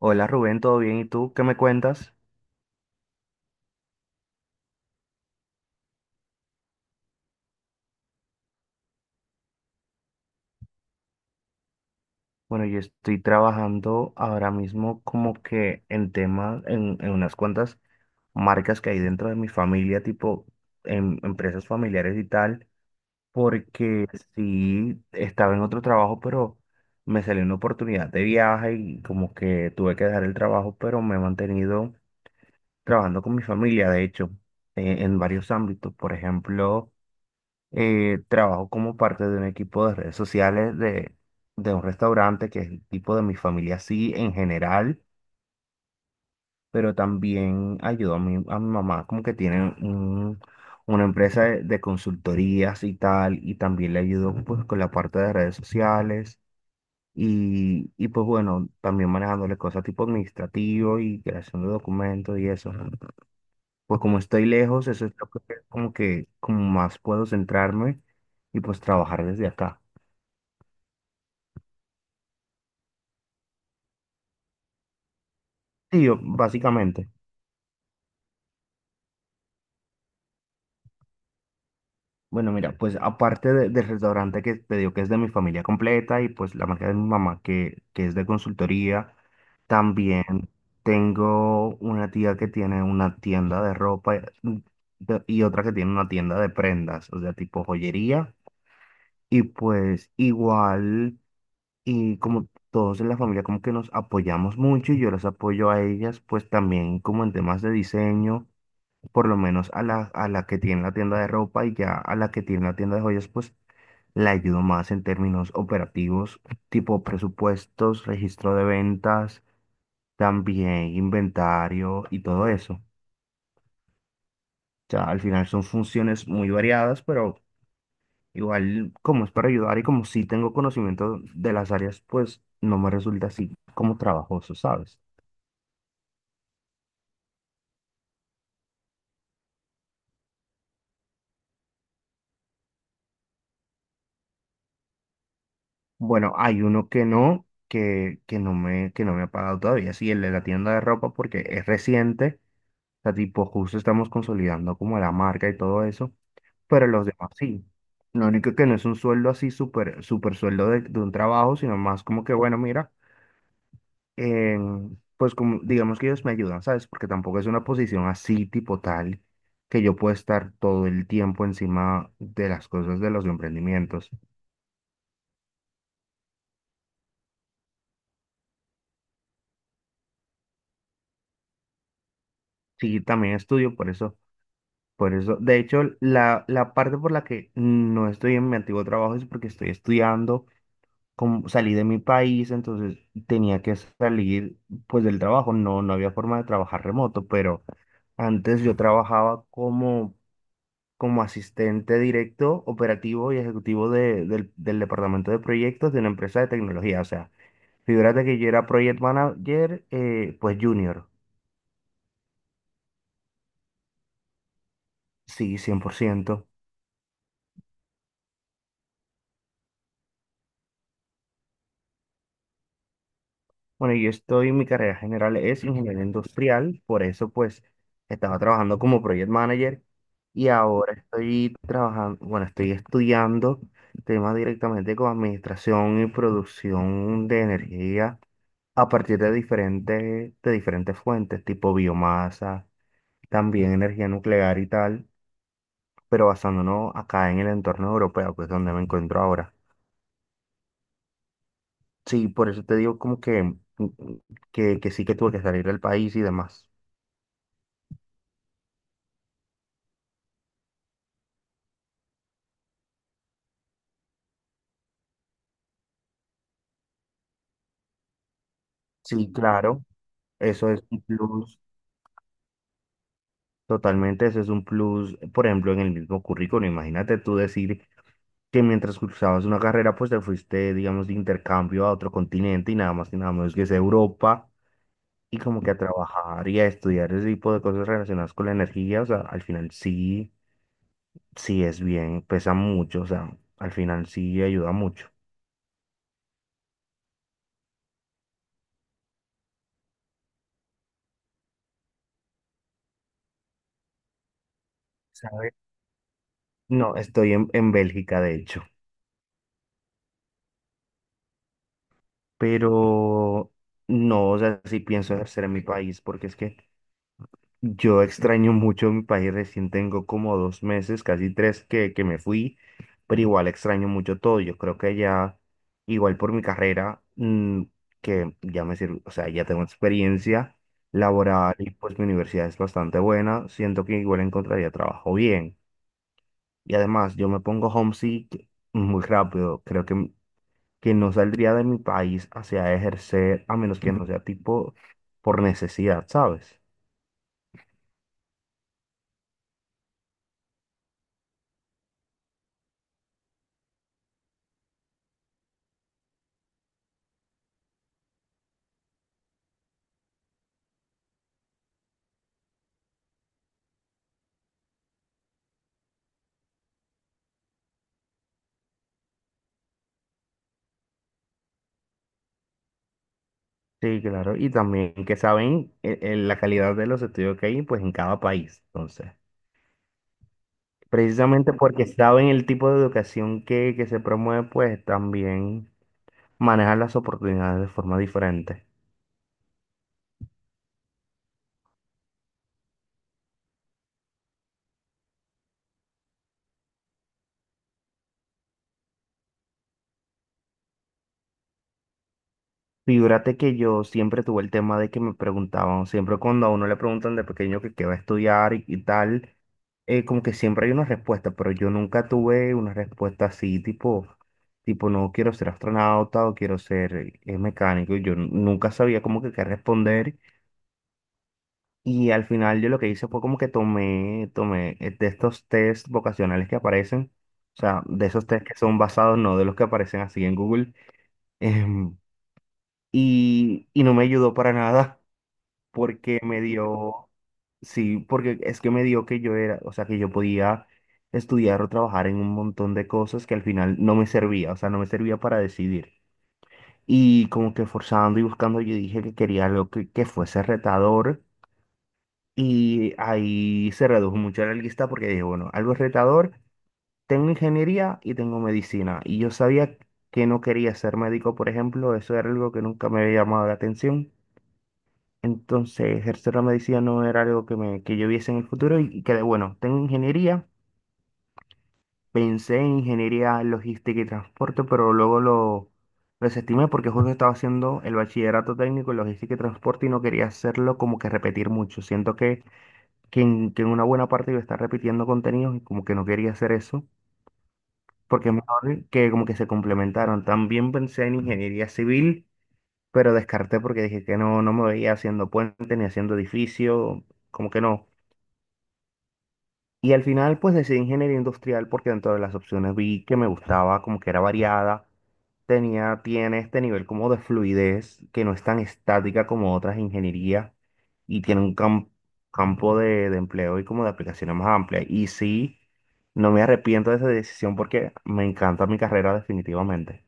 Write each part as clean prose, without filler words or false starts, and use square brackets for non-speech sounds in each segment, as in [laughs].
Hola Rubén, ¿todo bien? ¿Y tú qué me cuentas? Bueno, yo estoy trabajando ahora mismo como que en temas, en unas cuantas marcas que hay dentro de mi familia, tipo en empresas familiares y tal, porque sí estaba en otro trabajo, pero me salió una oportunidad de viaje y como que tuve que dejar el trabajo, pero me he mantenido trabajando con mi familia, de hecho, en varios ámbitos, por ejemplo. Trabajo como parte de un equipo de redes sociales de un restaurante que es el tipo de mi familia así en general, pero también ayudo a a mi mamá como que tiene una empresa de consultorías y tal, y también le ayudo pues con la parte de redes sociales. Y pues bueno, también manejándole cosas tipo administrativo y creación de documentos y eso. Pues como estoy lejos, eso es lo que como más puedo centrarme y pues trabajar desde acá. Sí, básicamente. Bueno, mira, pues aparte del restaurante que te digo que es de mi familia completa y pues la marca de mi mamá que es de consultoría, también tengo una tía que tiene una tienda de ropa, y otra que tiene una tienda de prendas, o sea, tipo joyería. Y pues igual, y como todos en la familia como que nos apoyamos mucho y yo las apoyo a ellas, pues también como en temas de diseño. Por lo menos a a la que tiene la tienda de ropa y ya a la que tiene la tienda de joyas, pues la ayudo más en términos operativos, tipo presupuestos, registro de ventas, también inventario y todo eso. O sea, al final son funciones muy variadas, pero igual como es para ayudar y como sí tengo conocimiento de las áreas, pues no me resulta así como trabajoso, ¿sabes? Bueno, hay uno que no, que no me ha pagado todavía, sí, el de la tienda de ropa porque es reciente. Sea, tipo, justo estamos consolidando como la marca y todo eso, pero los demás sí. Lo único que no es un sueldo así, súper sueldo de un trabajo, sino más como que, bueno, mira, pues como, digamos que ellos me ayudan, ¿sabes? Porque tampoco es una posición así, tipo tal, que yo pueda estar todo el tiempo encima de las cosas de los emprendimientos. Sí, también estudio por eso. Por eso, de hecho, la parte por la que no estoy en mi antiguo trabajo es porque estoy estudiando, como salí de mi país, entonces tenía que salir pues del trabajo, no, no había forma de trabajar remoto, pero antes yo trabajaba como, como asistente directo, operativo y ejecutivo del departamento de proyectos de una empresa de tecnología, o sea, figúrate que yo era project manager, pues junior, sí, cien por ciento. Bueno, yo estoy, mi carrera general es ingeniería industrial, por eso pues estaba trabajando como project manager y ahora estoy trabajando, bueno, estoy estudiando temas directamente con administración y producción de energía a partir de diferentes fuentes, tipo biomasa, también energía nuclear y tal, pero basándonos acá en el entorno europeo, que es donde me encuentro ahora. Sí, por eso te digo como que, que sí que tuve que salir del país y demás. Sí, claro, eso es un plus, totalmente, eso es un plus, por ejemplo, en el mismo currículo, imagínate tú decir que mientras cursabas una carrera, pues te fuiste, digamos, de intercambio a otro continente y nada más y nada menos que es Europa, y como que a trabajar y a estudiar ese tipo de cosas relacionadas con la energía, o sea, al final sí, sí es bien, pesa mucho, o sea, al final sí ayuda mucho, ¿sabes? No, estoy en Bélgica, de hecho, pero no, o sea, sí pienso ejercer en mi país, porque es que... Yo extraño mucho mi país, recién tengo como dos meses, casi tres que me fui, pero igual extraño mucho todo. Yo creo que ya, igual por mi carrera, que ya me sirve, o sea, ya tengo experiencia laboral y pues mi universidad es bastante buena, siento que igual encontraría trabajo bien. Y además, yo me pongo homesick muy rápido, creo que no saldría de mi país hacia ejercer, a menos que no sea tipo por necesidad, ¿sabes? Sí, claro. Y también que saben la calidad de los estudios que hay, pues en cada país. Entonces, precisamente porque saben el tipo de educación que se promueve, pues también manejan las oportunidades de forma diferente. Figúrate que yo siempre tuve el tema de que me preguntaban, siempre cuando a uno le preguntan de pequeño que qué va a estudiar y tal, como que siempre hay una respuesta, pero yo nunca tuve una respuesta así, tipo, tipo, no quiero ser astronauta o quiero ser mecánico, yo nunca sabía como que qué responder y al final yo lo que hice fue como que tomé, tomé de estos test vocacionales que aparecen, o sea, de esos test que son basados, no de los que aparecen así en Google, [laughs] em, y no me ayudó para nada. Porque me dio, sí, porque es que me dio que yo era, o sea, que yo podía estudiar o trabajar en un montón de cosas que al final no me servía, o sea, no me servía para decidir. Y como que forzando y buscando, yo dije que quería algo que fuese retador y ahí se redujo mucho la lista porque dije, bueno, algo retador, tengo ingeniería y tengo medicina. Y yo sabía que no quería ser médico, por ejemplo, eso era algo que nunca me había llamado la atención. Entonces, ejercer la medicina no era algo que yo viese en el futuro y, que, bueno, tengo ingeniería, pensé en ingeniería logística y transporte, pero luego lo desestimé porque justo estaba haciendo el bachillerato técnico en logística y transporte y no quería hacerlo como que repetir mucho. Siento que en una buena parte iba a estar repitiendo contenidos y como que no quería hacer eso, porque es mejor que como que se complementaron. También pensé en ingeniería civil, pero descarté porque dije que no, no me veía haciendo puente ni haciendo edificio, como que no. Y al final pues decidí ingeniería industrial porque dentro de las opciones vi que me gustaba, como que era variada, tiene este nivel como de fluidez que no es tan estática como otras ingenierías y tiene un campo de empleo y como de aplicaciones más amplia. Y sí, no me arrepiento de esa decisión porque me encanta mi carrera definitivamente.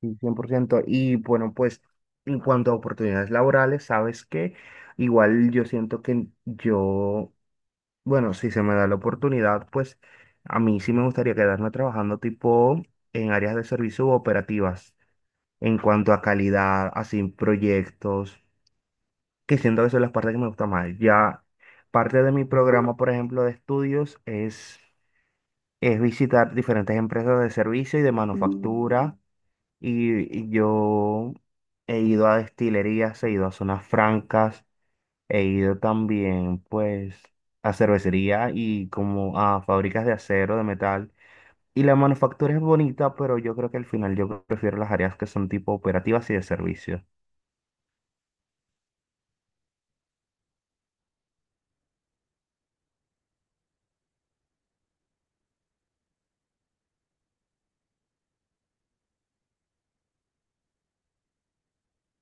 Sí, cien por ciento. Y bueno, pues en cuanto a oportunidades laborales, sabes que igual yo siento que yo, bueno, si se me da la oportunidad, pues a mí sí me gustaría quedarme trabajando tipo en áreas de servicio u operativas, en cuanto a calidad, así proyectos, que siento que son las partes que me gusta más. Ya parte de mi programa, por ejemplo, de estudios es visitar diferentes empresas de servicio y de manufactura y yo he ido a destilerías, he ido a zonas francas, he ido también, pues, a cervecería y como a fábricas de acero, de metal. Y la manufactura es bonita, pero yo creo que al final yo prefiero las áreas que son tipo operativas y de servicio.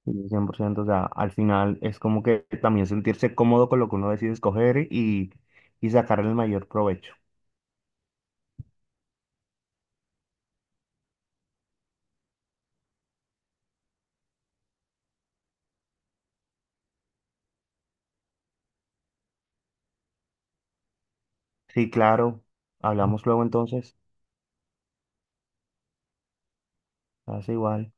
Y cien por ciento, o sea, al final es como que también sentirse cómodo con lo que uno decide escoger y sacarle el mayor provecho. Sí, claro. Hablamos luego entonces. Hace igual.